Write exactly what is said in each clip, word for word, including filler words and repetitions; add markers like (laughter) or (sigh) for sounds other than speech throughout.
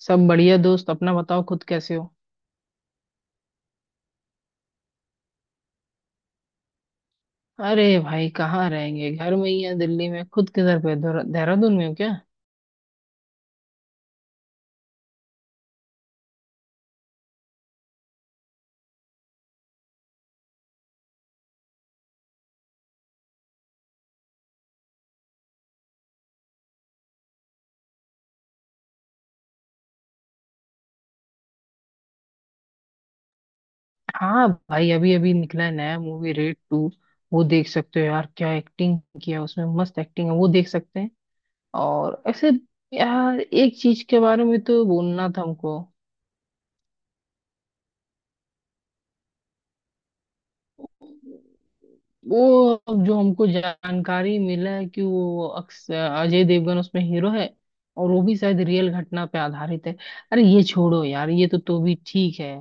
सब बढ़िया दोस्त। अपना बताओ, खुद कैसे हो? अरे भाई, कहाँ रहेंगे, घर में ही है, दिल्ली में। खुद किधर पे, देहरा- देहरादून में हो क्या? हाँ भाई, अभी अभी निकला है नया मूवी, रेड टू। वो देख सकते हो यार, क्या एक्टिंग किया है उसमें, मस्त एक्टिंग है, वो देख सकते हैं। और ऐसे यार, एक चीज के बारे में तो बोलना था हमको। वो, अब जो हमको जानकारी मिला है कि वो अक्स- अजय देवगन उसमें हीरो है। और वो भी शायद रियल घटना पे आधारित है। अरे ये छोड़ो यार, ये तो तो भी ठीक है।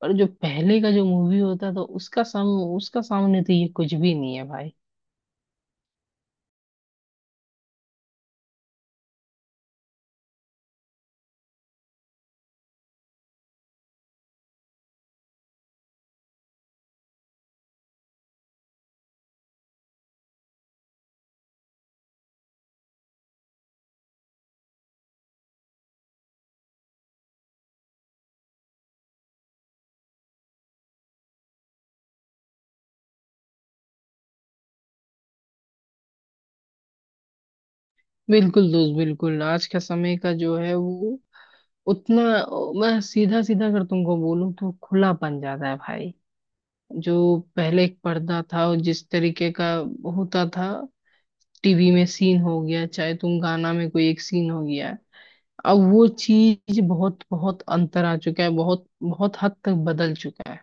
पर जो पहले का जो मूवी होता था, उसका सम उसका सामने तो ये कुछ भी नहीं है भाई। बिल्कुल दोस्त, बिल्कुल। आज का समय का जो है वो उतना, मैं सीधा सीधा अगर तुमको बोलूं तो खुला बन जाता है भाई। जो पहले एक पर्दा था और जिस तरीके का होता था, टीवी में सीन हो गया चाहे तुम गाना में कोई एक सीन हो गया, अब वो चीज बहुत बहुत अंतर आ चुका है, बहुत बहुत हद तक बदल चुका है।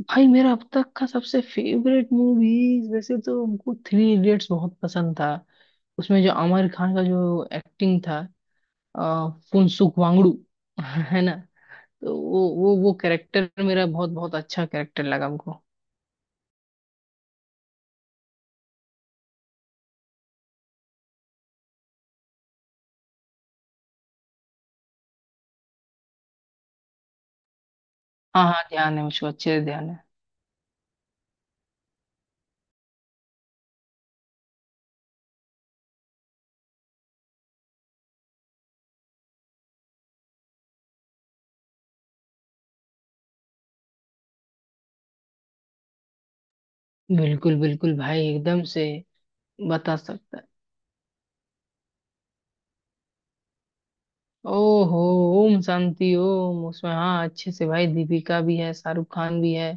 भाई मेरा अब तक का सबसे फेवरेट मूवीज, वैसे तो हमको थ्री इडियट्स बहुत पसंद था। उसमें जो आमिर खान का जो एक्टिंग था, आ, फुनसुक वांगडू। (laughs) है ना। तो वो वो वो कैरेक्टर मेरा बहुत बहुत अच्छा कैरेक्टर लगा हमको। हाँ हाँ, ध्यान है, मुझको अच्छे से ध्यान है। बिल्कुल बिल्कुल भाई, एकदम से। बता सकता है। ओहो। ओम शांति ओम, उसमें हाँ अच्छे से भाई, दीपिका भी है, शाहरुख खान भी है।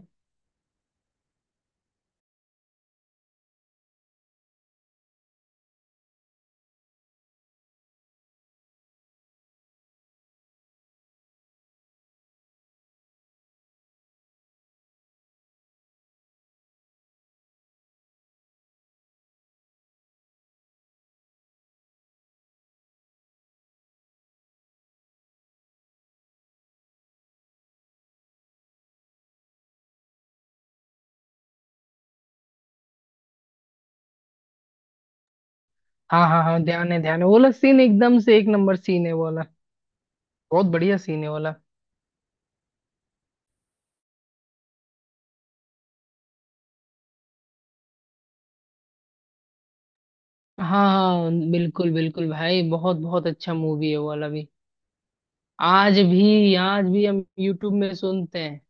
हाँ हाँ हाँ, ध्यान है ध्यान है, वो वाला सीन एकदम से एक नंबर सीन है, वो वाला। बहुत बढ़िया सीन है वाला। हाँ हाँ, बिल्कुल बिल्कुल भाई, बहुत बहुत अच्छा मूवी है, वो वाला भी। आज भी आज भी हम यूट्यूब में सुनते हैं।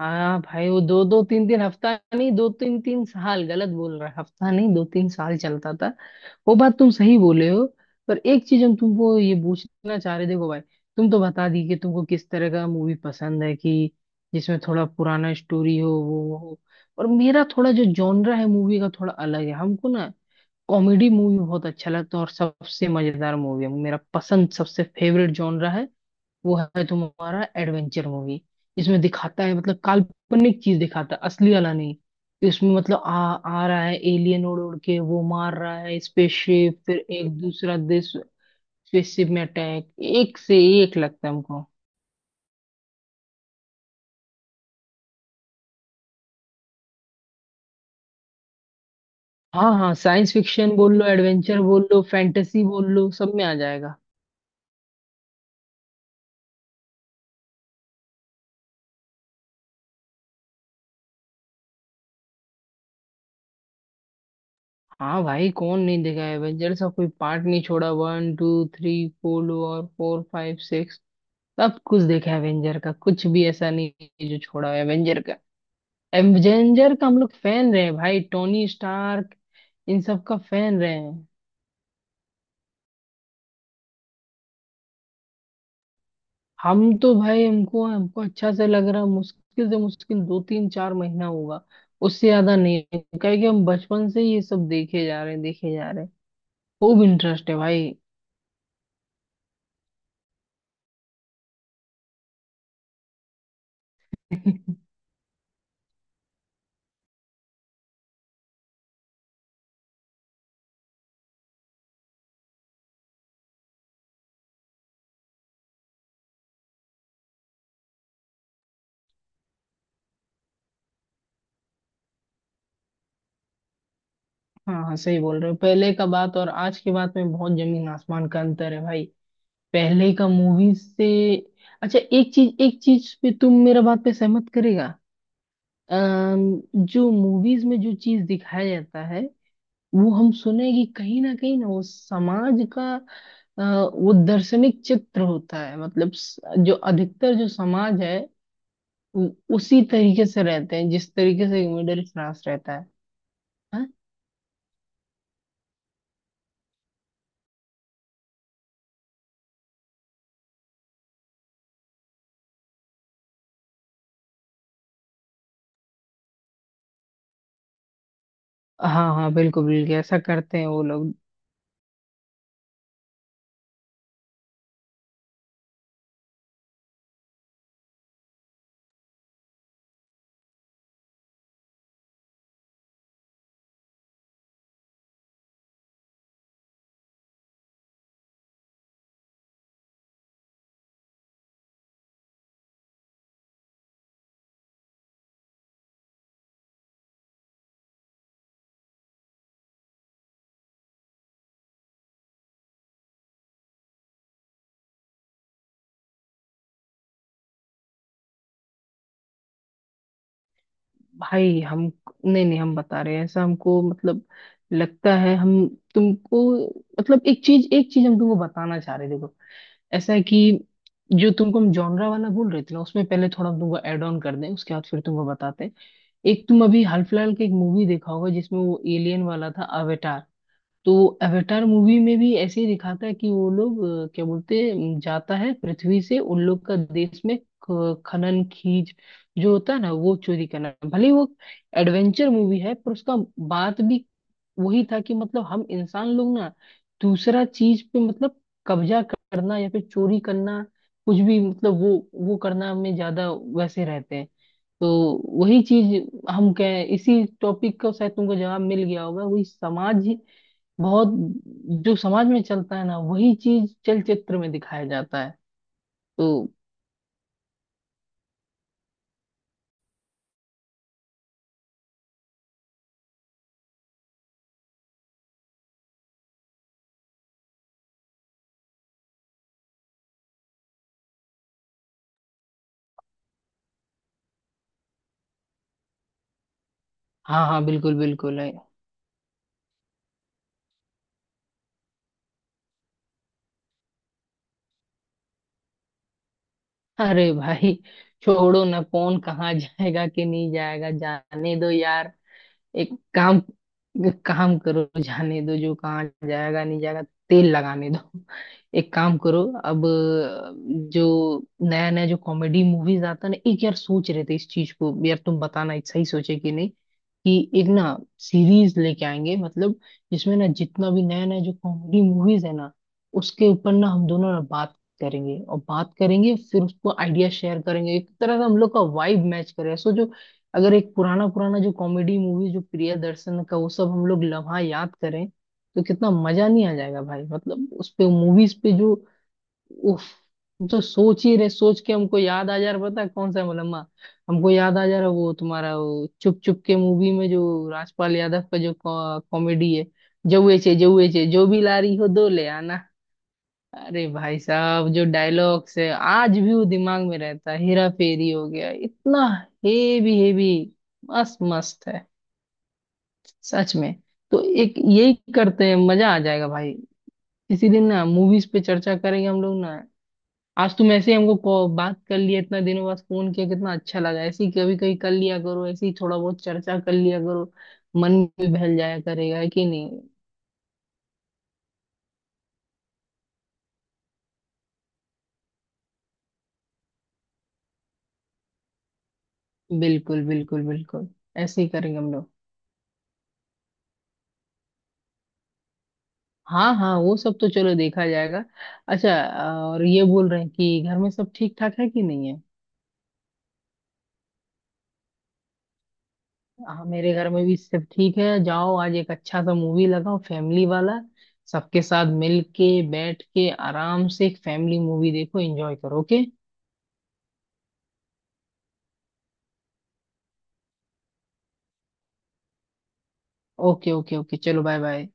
हाँ भाई, वो दो दो तीन तीन हफ्ता नहीं, दो तीन तीन साल, गलत बोल रहा है, हफ्ता नहीं, दो तीन साल चलता था। वो बात तुम सही बोले हो। पर एक चीज हम तुमको ये पूछना चाह रहे, देखो भाई। तुम तो बता दी कि तुमको किस तरह का मूवी पसंद है, कि जिसमें थोड़ा पुराना स्टोरी हो, वो हो। और मेरा थोड़ा जो जॉनरा है मूवी का थोड़ा अलग है, हमको ना कॉमेडी मूवी बहुत अच्छा लगता है, और सबसे मजेदार मूवी है मेरा पसंद, सबसे फेवरेट जॉनरा है। वो है तुम्हारा एडवेंचर मूवी। इसमें दिखाता है मतलब काल्पनिक चीज दिखाता है, असली वाला नहीं, कि उसमें मतलब आ आ रहा है एलियन, उड़ उड़ के वो मार रहा है, स्पेसशिप फिर एक दूसरा देश, स्पेसशिप में अटैक, एक से एक लगता है हमको। हाँ हाँ, साइंस फिक्शन बोल लो, एडवेंचर बोल लो, फैंटेसी बोल लो, सब में आ जाएगा। हाँ भाई, कौन नहीं देखा है एवेंजर्स का, कोई पार्ट नहीं छोड़ा, वन टू थ्री फोर और फोर फाइव सिक्स, सब कुछ देखा है एवेंजर का, कुछ भी ऐसा नहीं है जो छोड़ा है एवेंजर का। एवेंजर का हम लोग फैन रहे हैं भाई, टोनी स्टार्क, इन सब का फैन रहे हैं। हम तो भाई, हमको हमको अच्छा से लग रहा है, मुश्किल से मुश्किल दो तीन चार महीना होगा, उससे ज्यादा नहीं, क्योंकि हम बचपन से ही ये सब देखे जा रहे हैं, देखे जा रहे हैं। खूब इंटरेस्ट है भाई। (laughs) हाँ हाँ, सही बोल रहे हो, पहले का बात और आज की बात में बहुत जमीन आसमान का अंतर है भाई, पहले का मूवी से। अच्छा, एक चीज एक चीज पे तुम मेरा बात पे सहमत करेगा। अम, जो मूवीज में जो चीज दिखाया जाता है, वो हम सुने कि कहीं ना कहीं ना वो समाज का अ, वो दर्शनिक चित्र होता है, मतलब स- जो अधिकतर जो समाज है, उ- उसी तरीके से रहते हैं जिस तरीके से मिडिल क्लास रहता है। हाँ हाँ हाँ, बिल्कुल बिल्कुल, ऐसा करते हैं वो लोग। भाई हम, नहीं नहीं, हम बता रहे हैं, ऐसा हमको मतलब लगता है हम, तुमको मतलब, एक चीज एक चीज हम तुमको बताना चाह रहे हैं, देखो। ऐसा है कि जो तुमको हम जॉनरा वाला बोल रहे थे ना, उसमें पहले थोड़ा हम तुमको ऐड ऑन कर दें, उसके बाद फिर तुमको बताते हैं। एक तुम अभी हाल फिलहाल की एक मूवी देखा होगा, जिसमें वो एलियन वाला था, अवेटार। तो अवतार मूवी में भी ऐसे ही दिखाता है कि वो लोग, अ, क्या बोलते हैं, जाता है पृथ्वी से उन लोग का देश में, ख- खनन खीज जो होता है ना, वो चोरी करना, भले ही वो एडवेंचर मूवी है, पर उसका बात भी वही था कि मतलब हम इंसान लोग ना, दूसरा चीज पे मतलब कब्जा करना या फिर चोरी करना, कुछ भी मतलब वो वो करना में ज्यादा वैसे रहते हैं। तो वही चीज हम कह, इसी टॉपिक का शायद तुमको जवाब मिल गया होगा, वही समाज बहुत, जो समाज में चलता है ना वही चीज चलचित्र में दिखाया जाता है, तो। हाँ हाँ, बिल्कुल बिल्कुल है। अरे भाई, छोड़ो ना, कौन कहाँ (laughs) जाएगा कि नहीं जाएगा, जाने दो यार। एक काम एक काम करो, जाने दो, जो कहाँ जाएगा नहीं जाएगा, तेल लगाने दो। (laughs) एक काम करो अब, अ, जो नया नया जो कॉमेडी मूवीज आता है ना, एक यार सोच रहे थे इस चीज को, यार तुम बताना एक सही सोचे कि नहीं। कि एक ना सीरीज लेके आएंगे, मतलब जिसमें ना जितना भी नया नया जो कॉमेडी मूवीज है ना, उसके ऊपर ना हम दोनों ना बात करेंगे, और बात करेंगे, फिर उसको आइडिया शेयर करेंगे, एक तरह से हम लोग का वाइब मैच करेगा, सोचो। अगर एक पुराना पुराना जो कॉमेडी मूवी जो प्रियदर्शन का वो सब हम लोग लम्हा याद करें, तो कितना मजा नहीं आ जाएगा भाई, मतलब उस पे मूवीज पे जो। उफ, हम तो सोच ही रहे सोच के, हमको याद आ जा रहा, पता है कौन सा मलम्मा, हमको याद आ जा रहा वो तुम्हारा, वो चुप चुप के मूवी में जो राजपाल यादव का जो कॉमेडी है, जौए चे जौए चे, जो भी ला रही हो दो ले आना। अरे भाई साहब, जो डायलॉग्स है आज भी वो दिमाग में रहता है, हेरा फेरी हो गया इतना। हेवी हेवी मस्त मस्त है, सच में। तो एक यही करते हैं, मजा आ जाएगा भाई। इसी दिन ना मूवीज पे चर्चा करेंगे हम लोग ना। आज तुम ऐसे ही हमको कॉ- बात कर लिया, इतना दिनों बाद फोन किया, कितना अच्छा लगा, ऐसे ही कभी कभी कर लिया करो, ऐसे ही थोड़ा बहुत चर्चा कर लिया करो, मन भी बहल जाया करेगा, है कि नहीं? बिल्कुल बिल्कुल बिल्कुल, ऐसे ही करेंगे हम लोग। हाँ हाँ वो सब तो चलो देखा जाएगा। अच्छा। और ये बोल रहे हैं कि घर में सब ठीक ठाक है कि नहीं है? हाँ, मेरे घर में भी सब ठीक है। जाओ, आज एक अच्छा सा मूवी लगाओ, फैमिली वाला, सबके साथ मिल के बैठ के आराम से एक फैमिली मूवी देखो, एंजॉय करो, ओके। ओके ओके ओके चलो, बाय बाय।